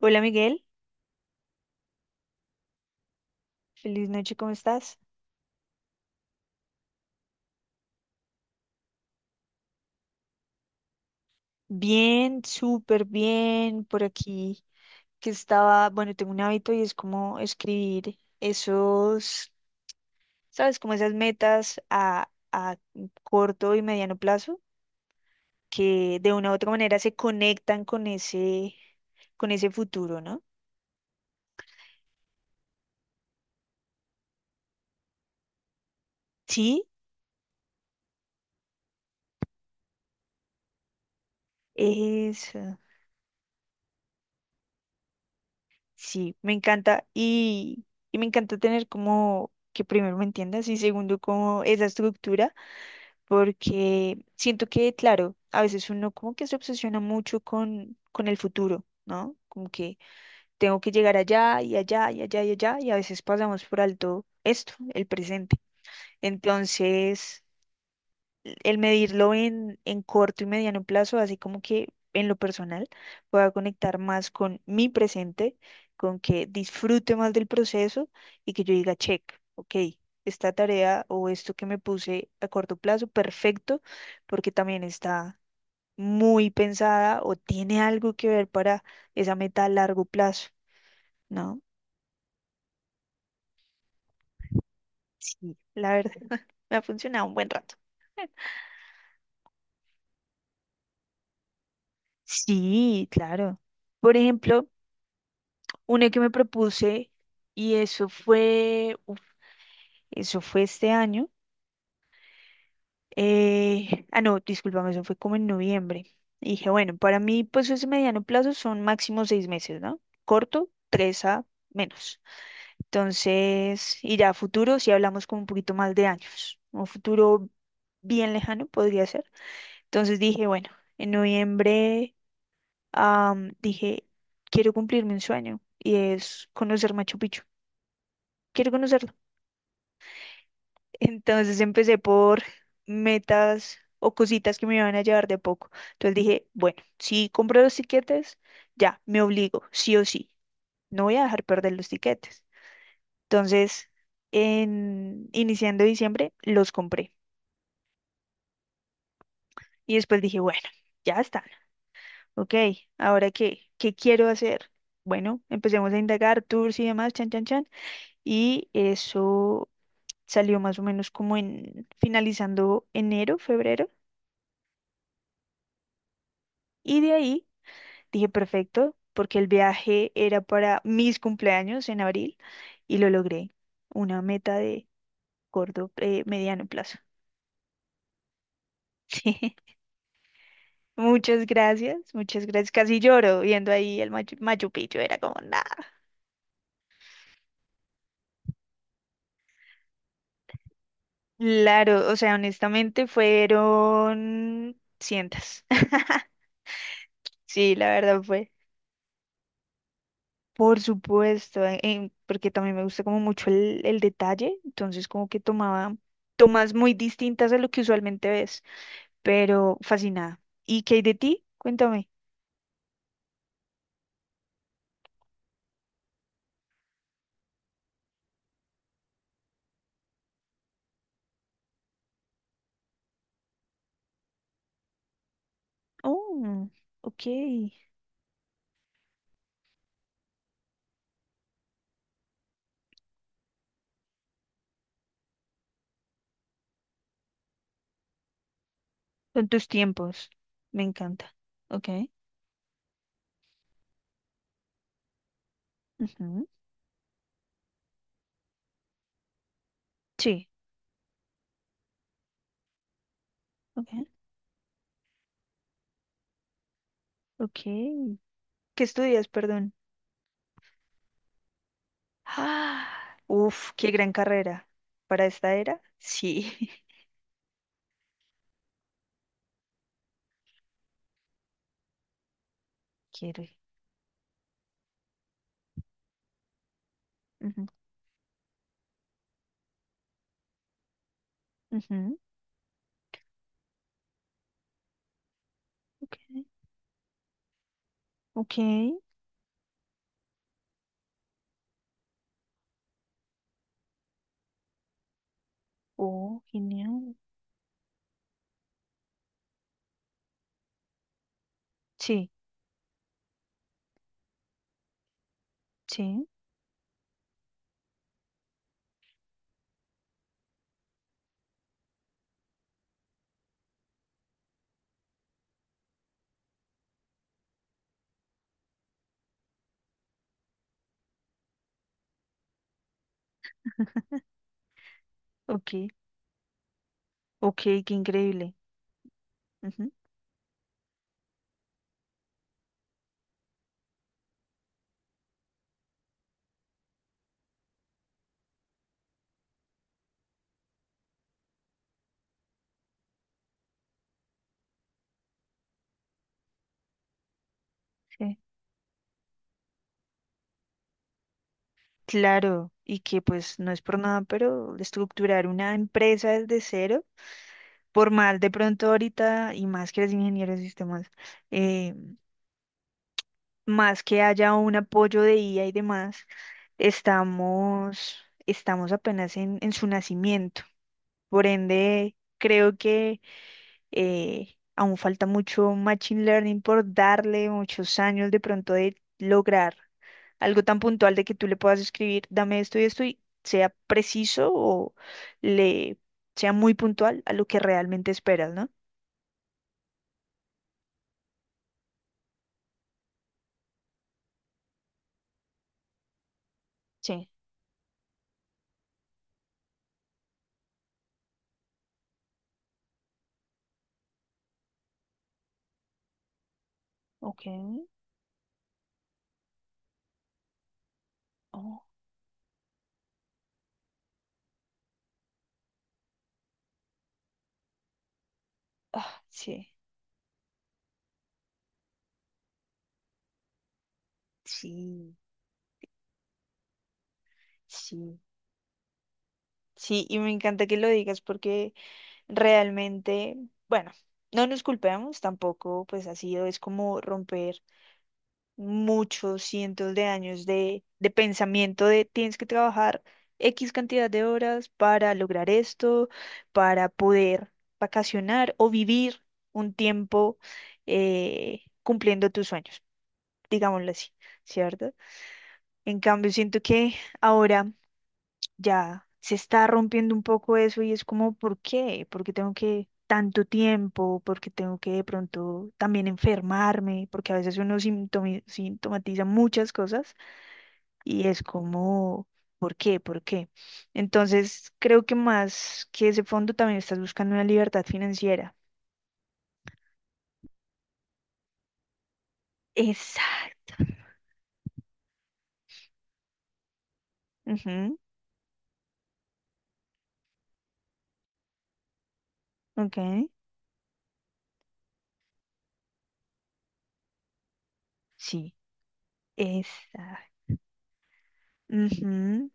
Hola Miguel, feliz noche, ¿cómo estás? Bien, súper bien, por aquí que estaba, bueno, tengo un hábito y es como escribir esos, ¿sabes? Como esas metas a corto y mediano plazo que de una u otra manera se conectan con ese futuro, ¿no? Sí, eso, sí, me encanta y me encanta tener como que primero me entiendas y segundo como esa estructura porque siento que, claro, a veces uno como que se obsesiona mucho con el futuro, ¿no? Como que tengo que llegar allá y allá y allá y allá, y a veces pasamos por alto esto, el presente. Entonces, el medirlo en corto y mediano plazo, así como que en lo personal pueda conectar más con mi presente, con que disfrute más del proceso y que yo diga, check, ok, esta tarea o esto que me puse a corto plazo, perfecto, porque también está muy pensada o tiene algo que ver para esa meta a largo plazo, ¿no? Sí, la verdad, me ha funcionado un buen rato. Sí, claro. Por ejemplo, una que me propuse, y eso fue, uf, eso fue este año. Ah, no, discúlpame, eso fue como en noviembre. Y dije, bueno, para mí, pues ese mediano plazo son máximo 6 meses, ¿no? Corto, tres a menos. Entonces, y ya a futuro, si hablamos como un poquito más de años, un futuro bien lejano podría ser. Entonces dije, bueno, en noviembre, dije, quiero cumplirme un sueño, y es conocer Machu Picchu. Quiero conocerlo. Entonces empecé por metas o cositas que me iban a llevar de poco. Entonces dije, bueno, si compro los tiquetes, ya, me obligo, sí o sí. No voy a dejar perder los tiquetes. Entonces, iniciando diciembre, los compré. Y después dije, bueno, ya están. Ok, ¿ahora qué? ¿Qué quiero hacer? Bueno, empecemos a indagar tours y demás, chan, chan, chan. Y eso salió más o menos como en finalizando enero, febrero. Y de ahí dije, perfecto, porque el viaje era para mis cumpleaños en abril y lo logré. Una meta de corto, mediano plazo. Sí. Muchas gracias, muchas gracias. Casi lloro viendo ahí el Machu Picchu, era como nada. Claro, o sea, honestamente fueron cientos. Sí, la verdad fue. Por supuesto, porque también me gusta como mucho el detalle, entonces como que tomaba tomas muy distintas a lo que usualmente ves, pero fascinada. ¿Y qué hay de ti? Cuéntame. Oh, ok. Son tus tiempos. Me encanta. Ok. Ujú. Sí. Ok. Ok. ¿Qué estudias, perdón? Ah, uf, qué gran carrera. ¿Para esta era? Sí. Quiero ir. Ujú. Ujú. Ok. Ok. Oh, genial. Sí. Sí. Ok. Ok, qué increíble. Ujú, sí. Claro, y que pues no es por nada, pero estructurar una empresa desde cero, por mal de pronto ahorita, y más que eres ingeniero de sistemas, eh, más que haya un apoyo de IA y demás, estamos, estamos apenas en su nacimiento. Por ende, creo que aún falta mucho machine learning por darle muchos años de pronto de lograr algo tan puntual de que tú le puedas escribir, dame esto y esto y sea preciso o le sea muy puntual a lo que realmente esperas, ¿no? Sí, ok. Oh, ah, sí, sí, sí, sí, y me encanta que lo digas porque realmente, bueno, no nos culpemos tampoco, pues ha sido, es como romper muchos cientos de años de pensamiento de tienes que trabajar X cantidad de horas para lograr esto, para poder vacacionar o vivir un tiempo cumpliendo tus sueños, digámoslo así, ¿cierto? En cambio, siento que ahora ya se está rompiendo un poco eso y es como, ¿por qué? ¿Por qué tengo que tanto tiempo? ¿Por qué tengo que de pronto también enfermarme? Porque a veces uno sintomatiza muchas cosas y es como, ¿por qué? ¿Por qué? Entonces, creo que más que ese fondo también estás buscando una libertad financiera. Exacto. Ujú. Ok. Sí. Exacto. Ujú.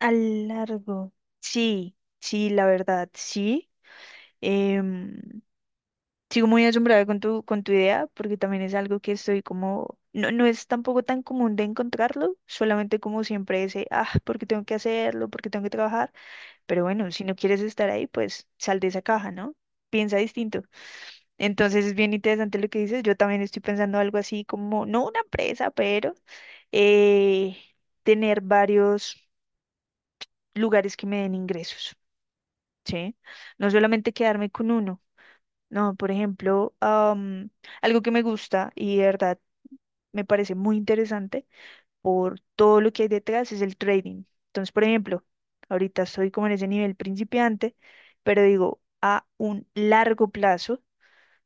A largo. Sí, sí, la verdad, sí. em, Sigo muy asombrada con tu idea, porque también es algo que estoy como, no, no es tampoco tan común de encontrarlo, solamente como siempre ese, ah, porque tengo que hacerlo, porque tengo que trabajar, pero bueno, si no quieres estar ahí, pues sal de esa caja, ¿no? Piensa distinto. Entonces es bien interesante lo que dices, yo también estoy pensando algo así como, no una empresa, pero eh, tener varios lugares que me den ingresos, ¿sí? No solamente quedarme con uno no, por ejemplo, algo que me gusta y de verdad me parece muy interesante por todo lo que hay detrás es el trading. Entonces, por ejemplo, ahorita estoy como en ese nivel principiante, pero digo, a un largo plazo,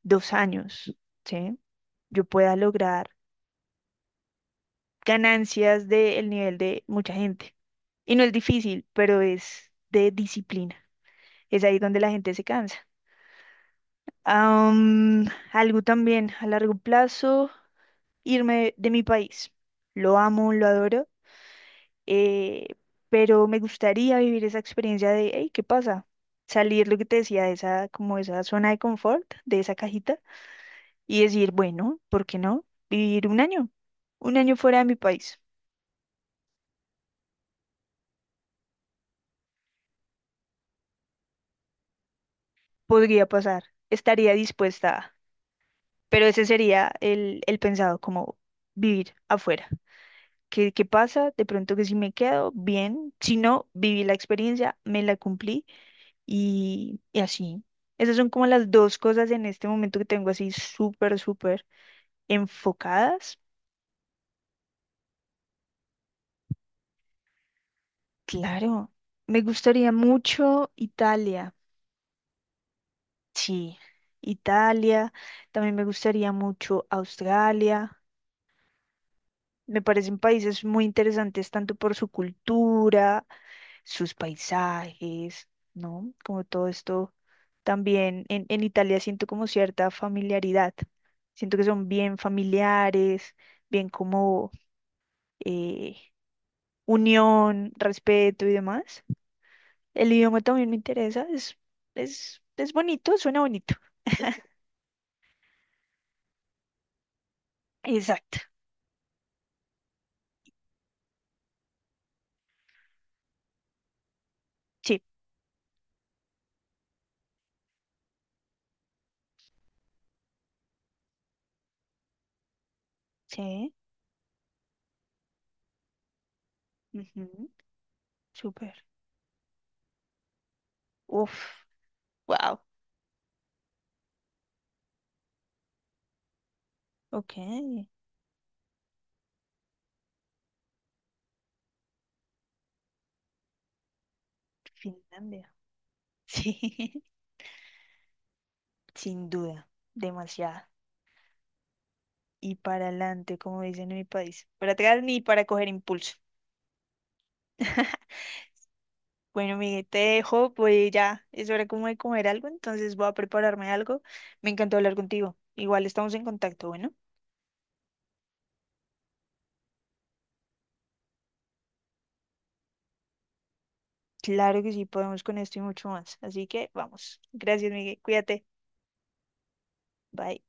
2 años, ¿sí? Yo pueda lograr ganancias del nivel de mucha gente. Y no es difícil, pero es de disciplina. Es ahí donde la gente se cansa. Am, algo también a largo plazo. Irme de mi país. Lo amo, lo adoro, eh, pero me gustaría vivir esa experiencia de, hey, ¿qué pasa? Salir lo que te decía, de esa, como esa zona de confort, de esa cajita, y decir, bueno, ¿por qué no? Vivir un año fuera de mi país. Podría pasar, estaría dispuesta a, pero ese sería el pensado, como vivir afuera. ¿Qué pasa? De pronto que si me quedo, bien, si no, viví la experiencia, me la cumplí y así. Esas son como las dos cosas en este momento que tengo así súper, súper enfocadas. Claro, me gustaría mucho Italia. Sí, Italia. También me gustaría mucho Australia. Me parecen países muy interesantes tanto por su cultura, sus paisajes, ¿no? Como todo esto también en Italia siento como cierta familiaridad. Siento que son bien familiares, bien como eh, unión, respeto y demás. El idioma también me interesa, es bonito, suena bonito. Exacto. Sí, sí. Ujú. Súper. Uf, wow. Ok, Finlandia. Sí, sin duda, demasiado. Y para adelante, como dicen en mi país. Para atrás ni para coger impulso. Bueno, Miguel, te dejo, pues ya es hora como de comer algo, entonces voy a prepararme algo. Me encantó hablar contigo. Igual estamos en contacto, bueno. Claro que sí, podemos con esto y mucho más. Así que vamos. Gracias, Miguel. Cuídate. Bye.